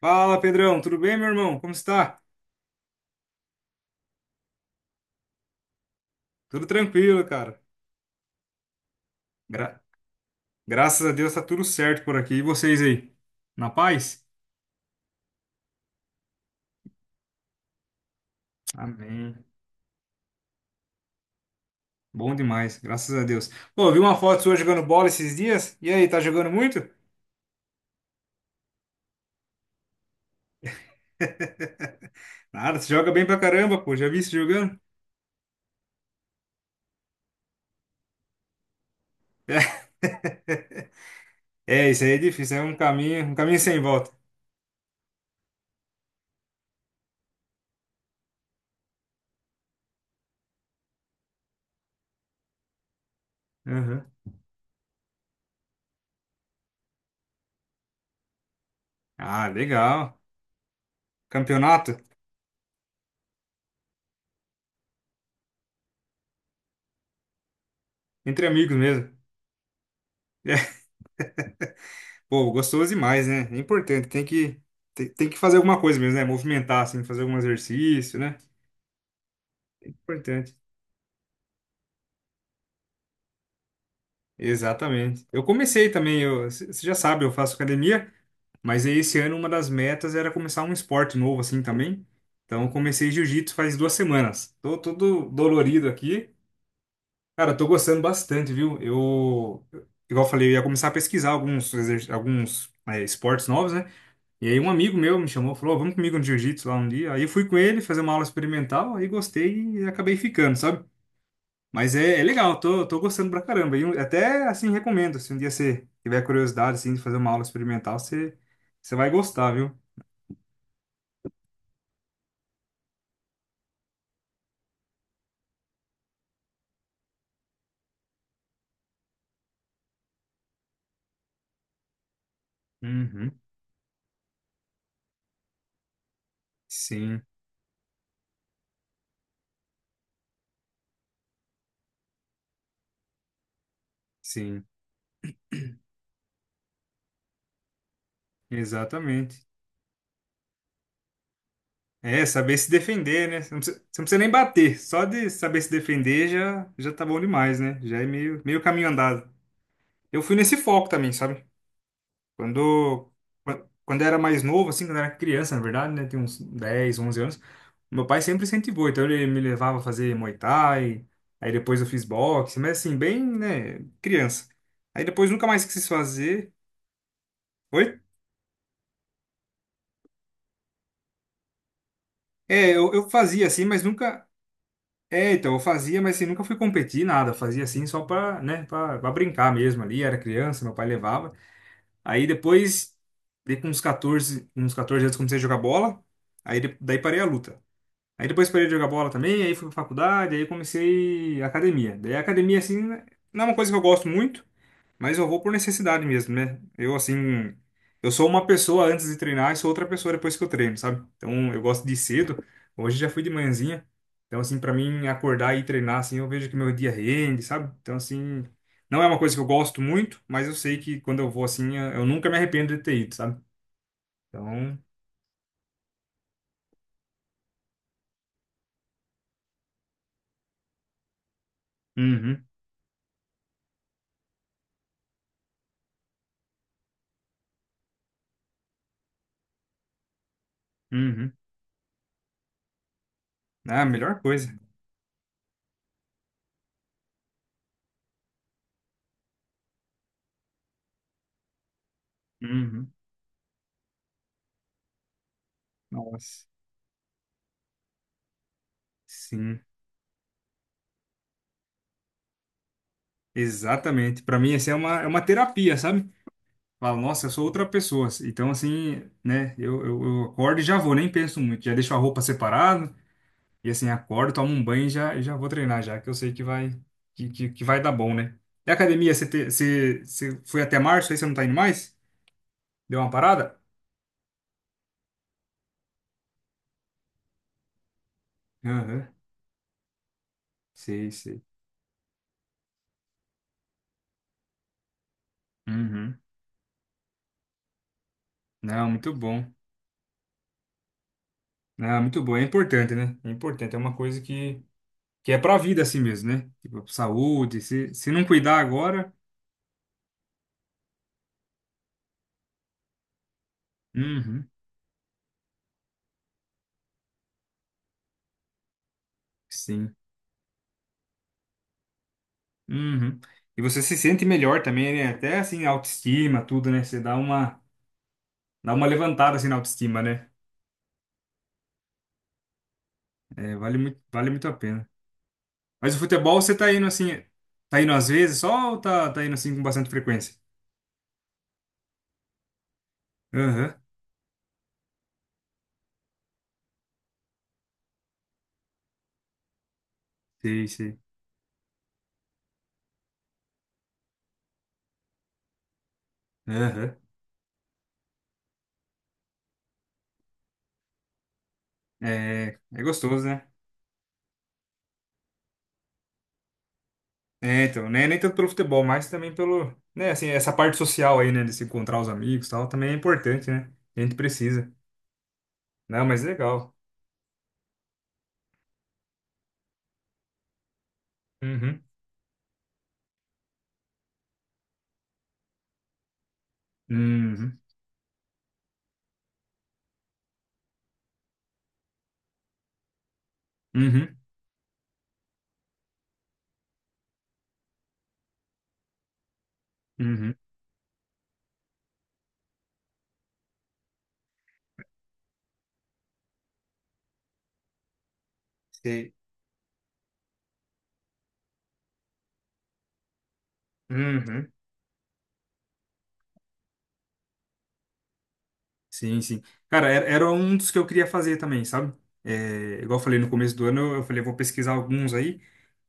Fala, Pedrão, tudo bem, meu irmão? Como está? Tudo tranquilo, cara. Gra- Graças a Deus tá tudo certo por aqui. E vocês aí? Na paz? Amém. Bom demais, graças a Deus. Pô, eu vi uma foto sua jogando bola esses dias. E aí, tá jogando muito? Nada, você joga bem pra caramba, pô. Já vi você jogando? É, isso aí é difícil, é um caminho sem volta. Uhum. Ah, legal. Campeonato? Entre amigos mesmo. Pô, gostoso demais, né? É importante, tem que fazer alguma coisa mesmo, né? Movimentar, assim, fazer algum exercício, né? Importante. Exatamente. Eu comecei também, você já sabe, eu faço academia, mas aí esse ano uma das metas era começar um esporte novo, assim, também. Então, eu comecei jiu-jitsu faz duas semanas. Tô todo dolorido aqui. Cara, tô gostando bastante, viu? Eu, igual eu falei, eu ia começar a pesquisar alguns esportes novos, né? E aí um amigo meu me chamou, falou, "Ó, vamos comigo no jiu-jitsu lá um dia. Aí eu fui com ele fazer uma aula experimental, aí gostei e acabei ficando, sabe? Mas é legal, tô gostando pra caramba. E eu até, assim, recomendo, se um dia você tiver curiosidade, assim, de fazer uma aula experimental, você vai gostar, viu? Uhum. Sim, sim, exatamente. É, saber se defender, né? Você não precisa nem bater, só de saber se defender já tá bom demais, né? Já é meio caminho andado. Eu fui nesse foco também, sabe? Quando, Quando eu era mais novo, assim, quando eu era criança, na verdade, né? Tinha uns 10 11 anos. Meu pai sempre incentivou, então ele me levava a fazer Muay Thai, aí depois eu fiz boxe, mas assim, bem, né, criança. Aí depois nunca mais quis fazer. Oi? É, eu fazia assim, mas nunca. É, então, eu fazia, mas assim, nunca fui competir, nada. Eu Fazia assim só pra pra brincar mesmo ali. Era criança, meu pai levava. Aí depois, dei com uns 14 anos, comecei a jogar bola. Daí parei a luta. Aí depois parei de jogar bola também, aí fui pra faculdade, aí comecei academia. Daí a academia, assim, não é uma coisa que eu gosto muito, mas eu vou por necessidade mesmo, né? Eu, assim, eu sou uma pessoa antes de treinar e sou outra pessoa depois que eu treino, sabe? Então eu gosto de ir cedo, hoje já fui de manhãzinha. Então, assim, pra mim acordar e treinar, assim, eu vejo que meu dia rende, sabe? Então, assim, não é uma coisa que eu gosto muito, mas eu sei que quando eu vou assim, eu nunca me arrependo de ter ido, sabe? Então, uhum, uhum. Ah, a melhor coisa. Uhum. Nossa. Sim, exatamente. Pra mim, é uma terapia, sabe? Falo, nossa, eu sou outra pessoa. Então, assim, né? Eu acordo e já vou, nem penso muito. Já deixo a roupa separada. E assim, acordo, tomo um banho e já vou treinar, já que eu sei que vai, que vai dar bom, né? E a academia, você foi até março, aí você não tá indo mais? Deu uma parada? Aham. Sei, sei. Uhum. Não, muito bom. Não, muito bom. É importante, né? É importante. É uma coisa que. Que é pra vida assim mesmo, né? Tipo, saúde, se não cuidar agora, uhum, sim, uhum. E você se sente melhor também, né? Até assim, autoestima, tudo, né? Dá uma levantada assim na autoestima, né? É, vale muito a pena. Mas o futebol você tá indo assim, tá indo às vezes só ou tá indo assim com bastante frequência? Aham, sei, sei. Aham. É, é gostoso, né? É, então, né? Nem tanto pelo futebol, mas também pelo, né, assim, essa parte social aí, né, de se encontrar os amigos e tal, também é importante, né? A gente precisa. Não, mas legal. Uhum. Uhum. Uhum. Uhum. Sei. Uhum. Sim, sim. Cara, era um dos que eu queria fazer também, sabe? É, igual eu falei no começo do ano, eu falei, eu vou pesquisar alguns aí,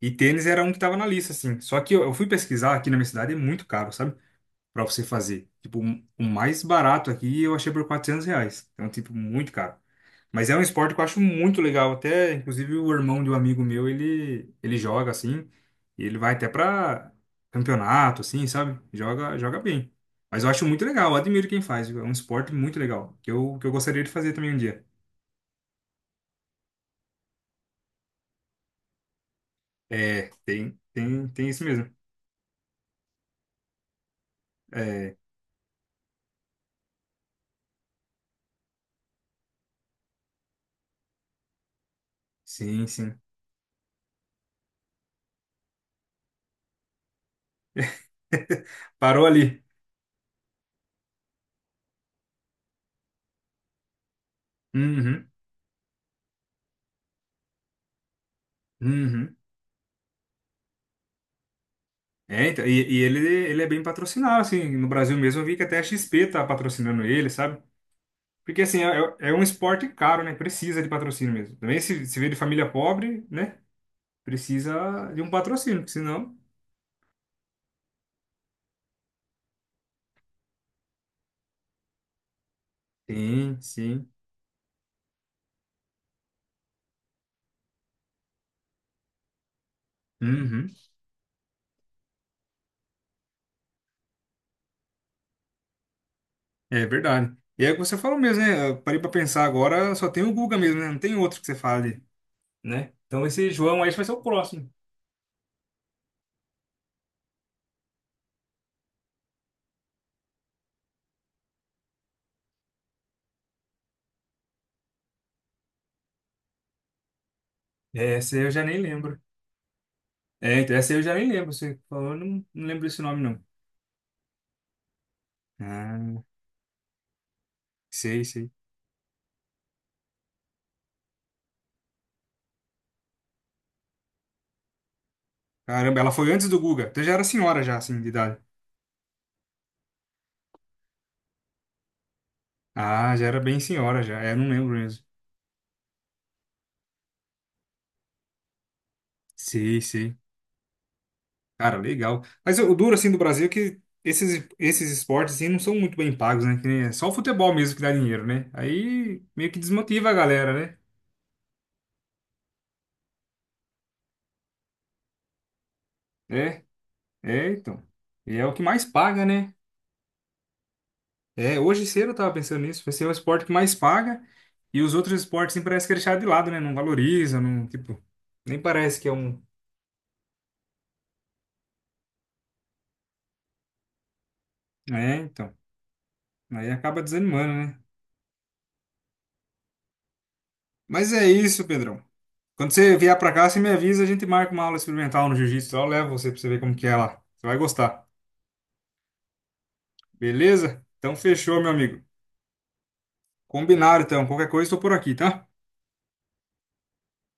e tênis era um que tava na lista, assim. Só que eu fui pesquisar aqui na minha cidade, é muito caro, sabe? Pra você fazer. Tipo, o mais barato aqui eu achei por 400 reais. Então, tipo, muito caro. Mas é um esporte que eu acho muito legal. Até, inclusive, o irmão de um amigo meu, ele joga assim. E ele vai até pra campeonato, assim, sabe? Joga, joga bem. Mas eu acho muito legal, eu admiro quem faz. É um esporte muito legal, que eu gostaria de fazer também um dia. É, tem isso mesmo. É, sim, sim. Parou ali. Uhum, uhum. É, então, e ele é bem patrocinado, assim, no Brasil mesmo eu vi que até a XP tá patrocinando ele, sabe? Porque, assim, é, é é um esporte caro, né? Precisa de patrocínio mesmo. Também se vê de família pobre, né? Precisa de um patrocínio, porque senão... Sim, sim. Uhum. É verdade. E é o que você falou mesmo, né? Eu parei pra pensar agora, só tem o Guga mesmo, né? Não tem outro que você fale, né? Então esse João aí vai ser o próximo. É, esse eu já nem lembro. É, então essa eu já nem lembro. Você falou, eu não lembro esse nome, não. Ah, sei, sei. Caramba, ela foi antes do Guga. Então já era senhora já, assim, de idade. Ah, já era bem senhora já. É, não lembro mesmo. Sei, sei. Cara, legal. Mas o duro, assim, do Brasil é que esses esportes, assim, não são muito bem pagos, né? Que nem- É só o futebol mesmo que dá dinheiro, né? Aí meio que desmotiva a galera, né? É, então. E é o que mais paga, né? É, hoje cedo eu tava pensando nisso. Vai ser o esporte que mais paga e os outros esportes, assim, parece que é deixado de lado, né? Não valoriza, não, tipo, nem parece que é um... É, então. Aí acaba desanimando, né? Mas é isso, Pedrão. Quando você vier pra cá, você me avisa, a gente marca uma aula experimental no jiu-jitsu. Eu levo você pra você ver como que é lá. Você vai gostar. Beleza? Então fechou, meu amigo. Combinado, então. Qualquer coisa, estou por aqui, tá?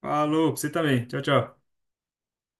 Falou, pra você também. Tchau, tchau.